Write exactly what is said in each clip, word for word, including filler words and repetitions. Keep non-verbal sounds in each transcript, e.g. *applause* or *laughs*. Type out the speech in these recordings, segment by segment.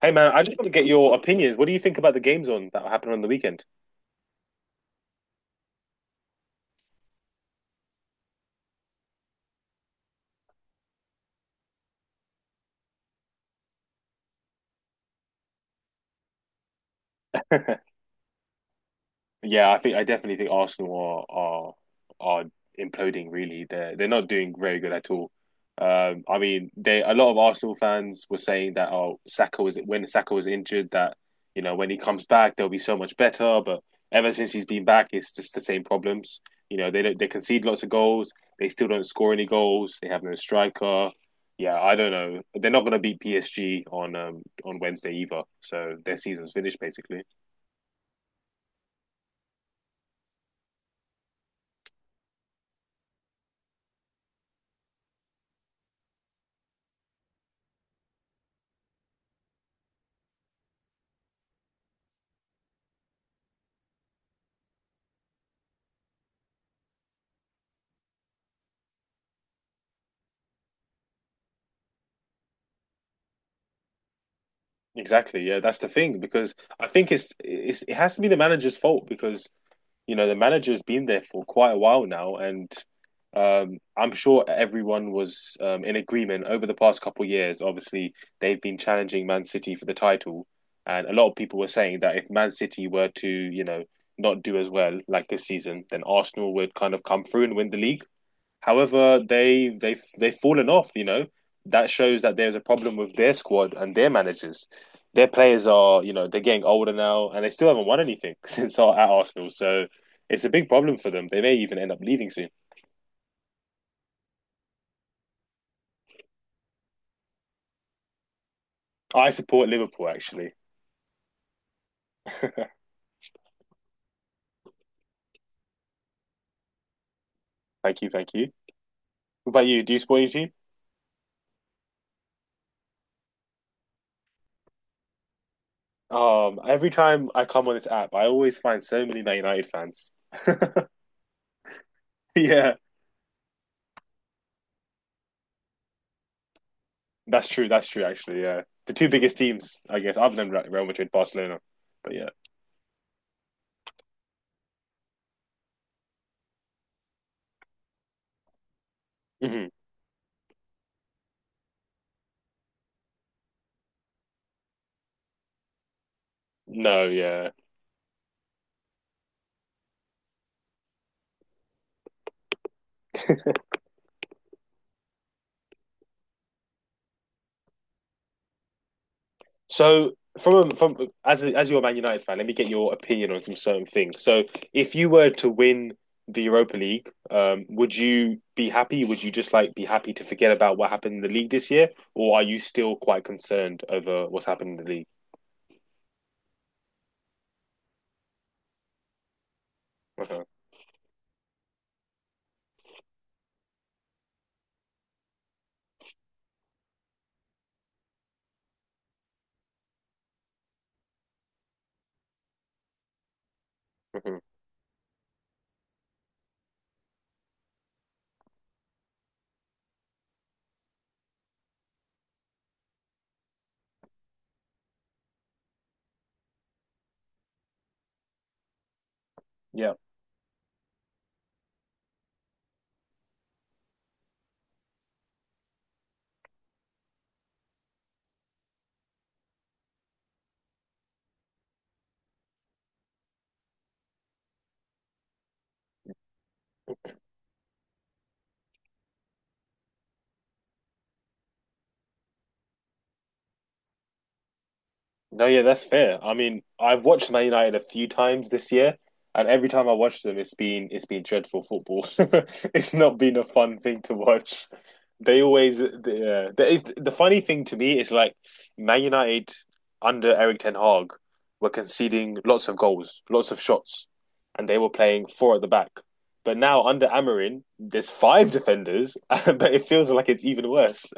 Hey man, I just want to get your opinions. What do you think about the games on that happened on the weekend? Yeah, I think I definitely think Arsenal are are are imploding really. They're they're not doing very good at all. Um, I mean, they a lot of Arsenal fans were saying that oh, Saka was when Saka was injured that you know when he comes back they'll be so much better. But ever since he's been back, it's just the same problems. You know, they don't, they concede lots of goals. They still don't score any goals. They have no striker. Yeah, I don't know. They're not going to beat P S G on um on Wednesday either. So their season's finished basically. Exactly. Yeah, that's the thing because I think it's it's it has to be the manager's fault because you know the manager's been there for quite a while now, and um, I'm sure everyone was um, in agreement over the past couple of years. Obviously, they've been challenging Man City for the title, and a lot of people were saying that if Man City were to you know not do as well like this season, then Arsenal would kind of come through and win the league. However, they they they've fallen off. You know that shows that there's a problem with their squad and their managers. Their players are you know they're getting older now, and they still haven't won anything *laughs* since our, at Arsenal. So it's a big problem for them. They may even end up leaving soon. I support Liverpool actually. *laughs* thank you, thank you. What about you? Do you support your team? Um, every time I come on this app, I always find so many Man United fans. *laughs* yeah, that's true. That's true. Actually, yeah, the two biggest teams, I guess, other than Real Madrid, Barcelona. But yeah. Mm-hmm. No, yeah. So from from as a, as you're a Man United fan, let me get your opinion on some certain things. So if you were to win the Europa League, um, would you be happy? Would you just like be happy to forget about what happened in the league this year, or are you still quite concerned over what's happened in the league? *laughs* Yeah, no, yeah, that's fair. I mean, I've watched Man United a few times this year, and every time I watch them, it's been it's been dreadful football. *laughs* It's not been a fun thing to watch. They always, the There is the funny thing to me is like Man United under Eric Ten Hag were conceding lots of goals, lots of shots, and they were playing four at the back. But now under Amarin, there's five defenders, *laughs* but it feels like it's even worse.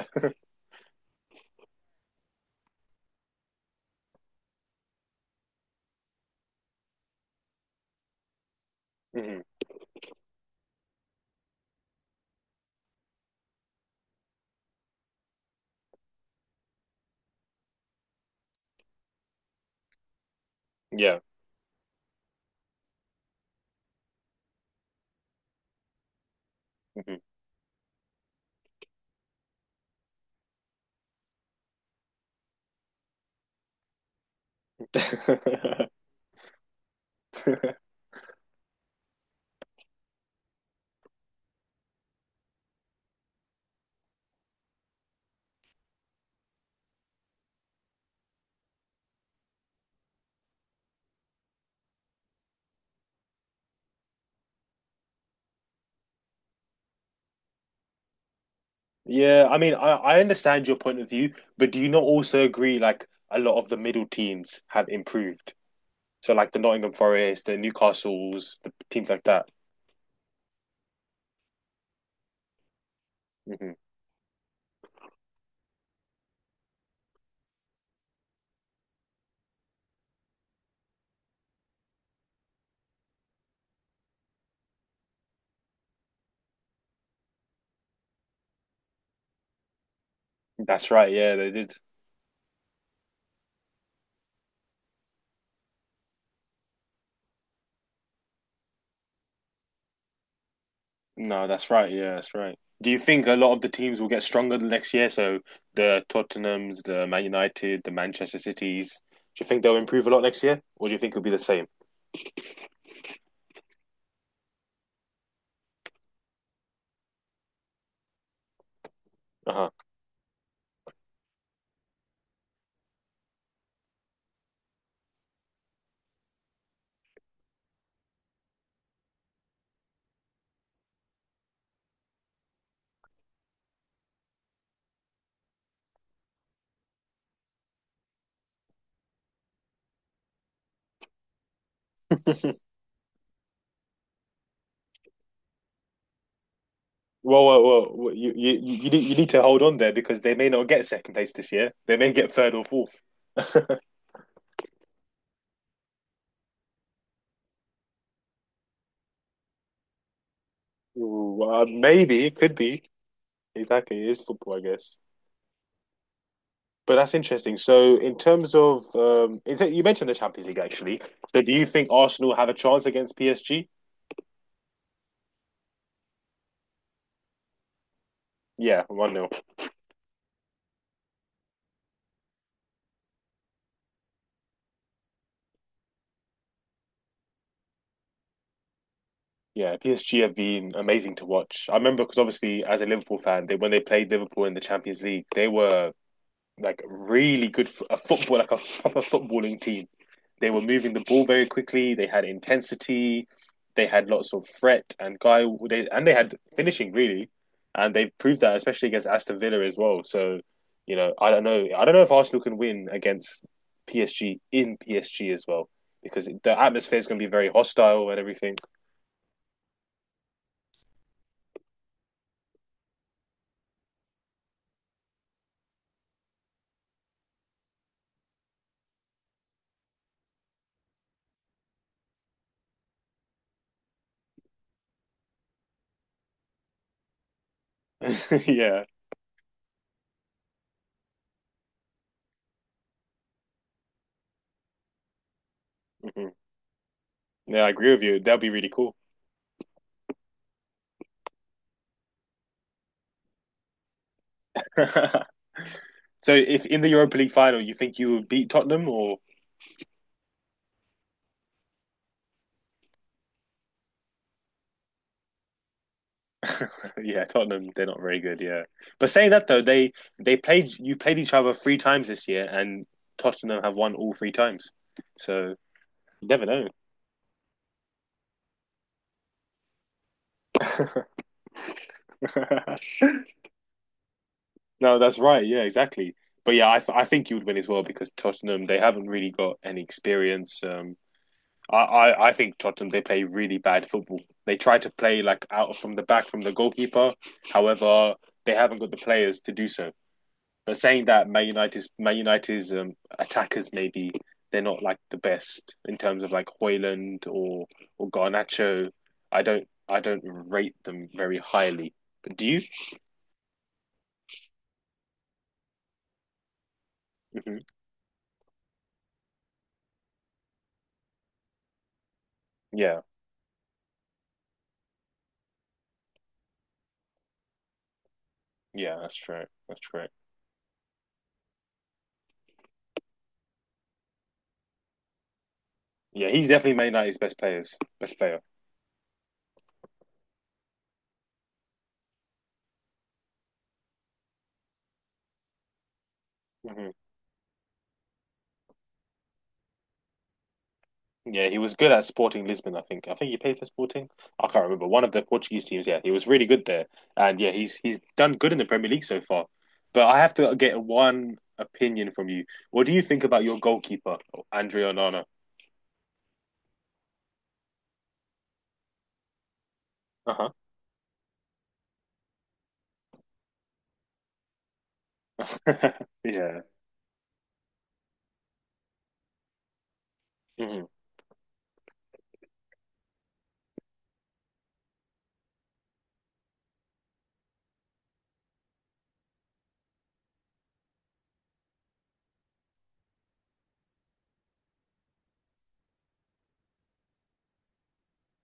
Hmm. Yeah. Hmm. *laughs* Yeah, I mean, I, I understand your point of view, but do you not also agree like a lot of the middle teams have improved? So like the Nottingham Forest, the Newcastles, the teams like that. Hmm. That's right. Yeah, they did. No, that's right. Yeah, that's right. Do you think a lot of the teams will get stronger the next year? So the Tottenhams, the Man United, the Manchester Cities. Do you think they'll improve a lot next year, or do you think it'll be the same? Uh huh. *laughs* well, well, well, well, you you you need you need to hold on there because they may not get second place this year. They may get third or fourth. *laughs* Ooh, uh, maybe it could be exactly. It is football, I guess. But that's interesting. So, in terms of, um, is it, you mentioned the Champions League actually. So, do you think Arsenal have a chance against P S G? Yeah, one nil. Yeah, P S G have been amazing to watch. I remember because obviously as a Liverpool fan, they when they played Liverpool in the Champions League, they were like really good f- a football like a proper footballing team. They were moving the ball very quickly, they had intensity, they had lots of threat and guy they and they had finishing really. And they proved that especially against Aston Villa as well. So, you know, I don't know. I don't know if Arsenal can win against P S G in P S G as well because the atmosphere is going to be very hostile and everything. *laughs* Yeah. Hmm. Yeah, I agree with you. That'd be really cool. *laughs* So if in the Europa League final you think you would beat Tottenham or *laughs* yeah, Tottenham, they're not very good, yeah. But saying that though, they they played you played each other three times this year and Tottenham have won all three times. So you never know. *laughs* No, that's right. Yeah, exactly. But yeah, I, th I think you would win as well because Tottenham, they haven't really got any experience. Um, I, I, I think Tottenham they play really bad football. They try to play like out from the back from the goalkeeper. However, they haven't got the players to do so. But saying that, Man United's Man United's um, attackers maybe they're not like the best in terms of like Hoyland or or Garnacho. I don't I don't rate them very highly. But do you? Hmm. Yeah, yeah, that's true. That's true. Yeah, he's definitely Man United's best players, best player. Hmm. Yeah, he was good at Sporting Lisbon, I think. I think he played for Sporting. I can't remember. One of the Portuguese teams, yeah. He was really good there. And yeah, he's he's done good in the Premier League so far. But I have to get one opinion from you. What do you think about your goalkeeper, Andre Onana? Uh-huh. *laughs* Yeah. Hmm.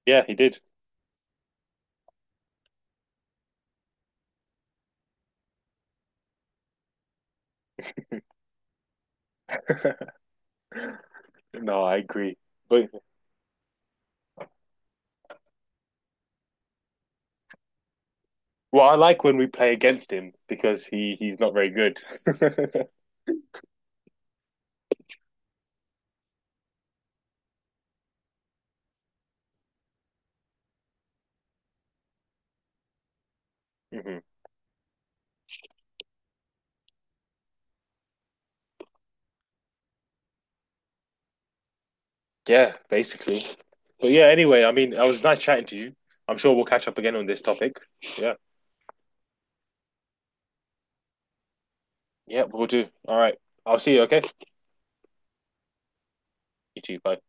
Yeah, he did. No, I agree. But well, I like when we play against him because he he's not very good. *laughs* Hmm. Yeah, basically. But yeah, anyway, I mean, I was nice chatting to you. I'm sure we'll catch up again on this topic. Yeah. Yeah, we'll do. All right. I'll see you, okay? You too. Bye.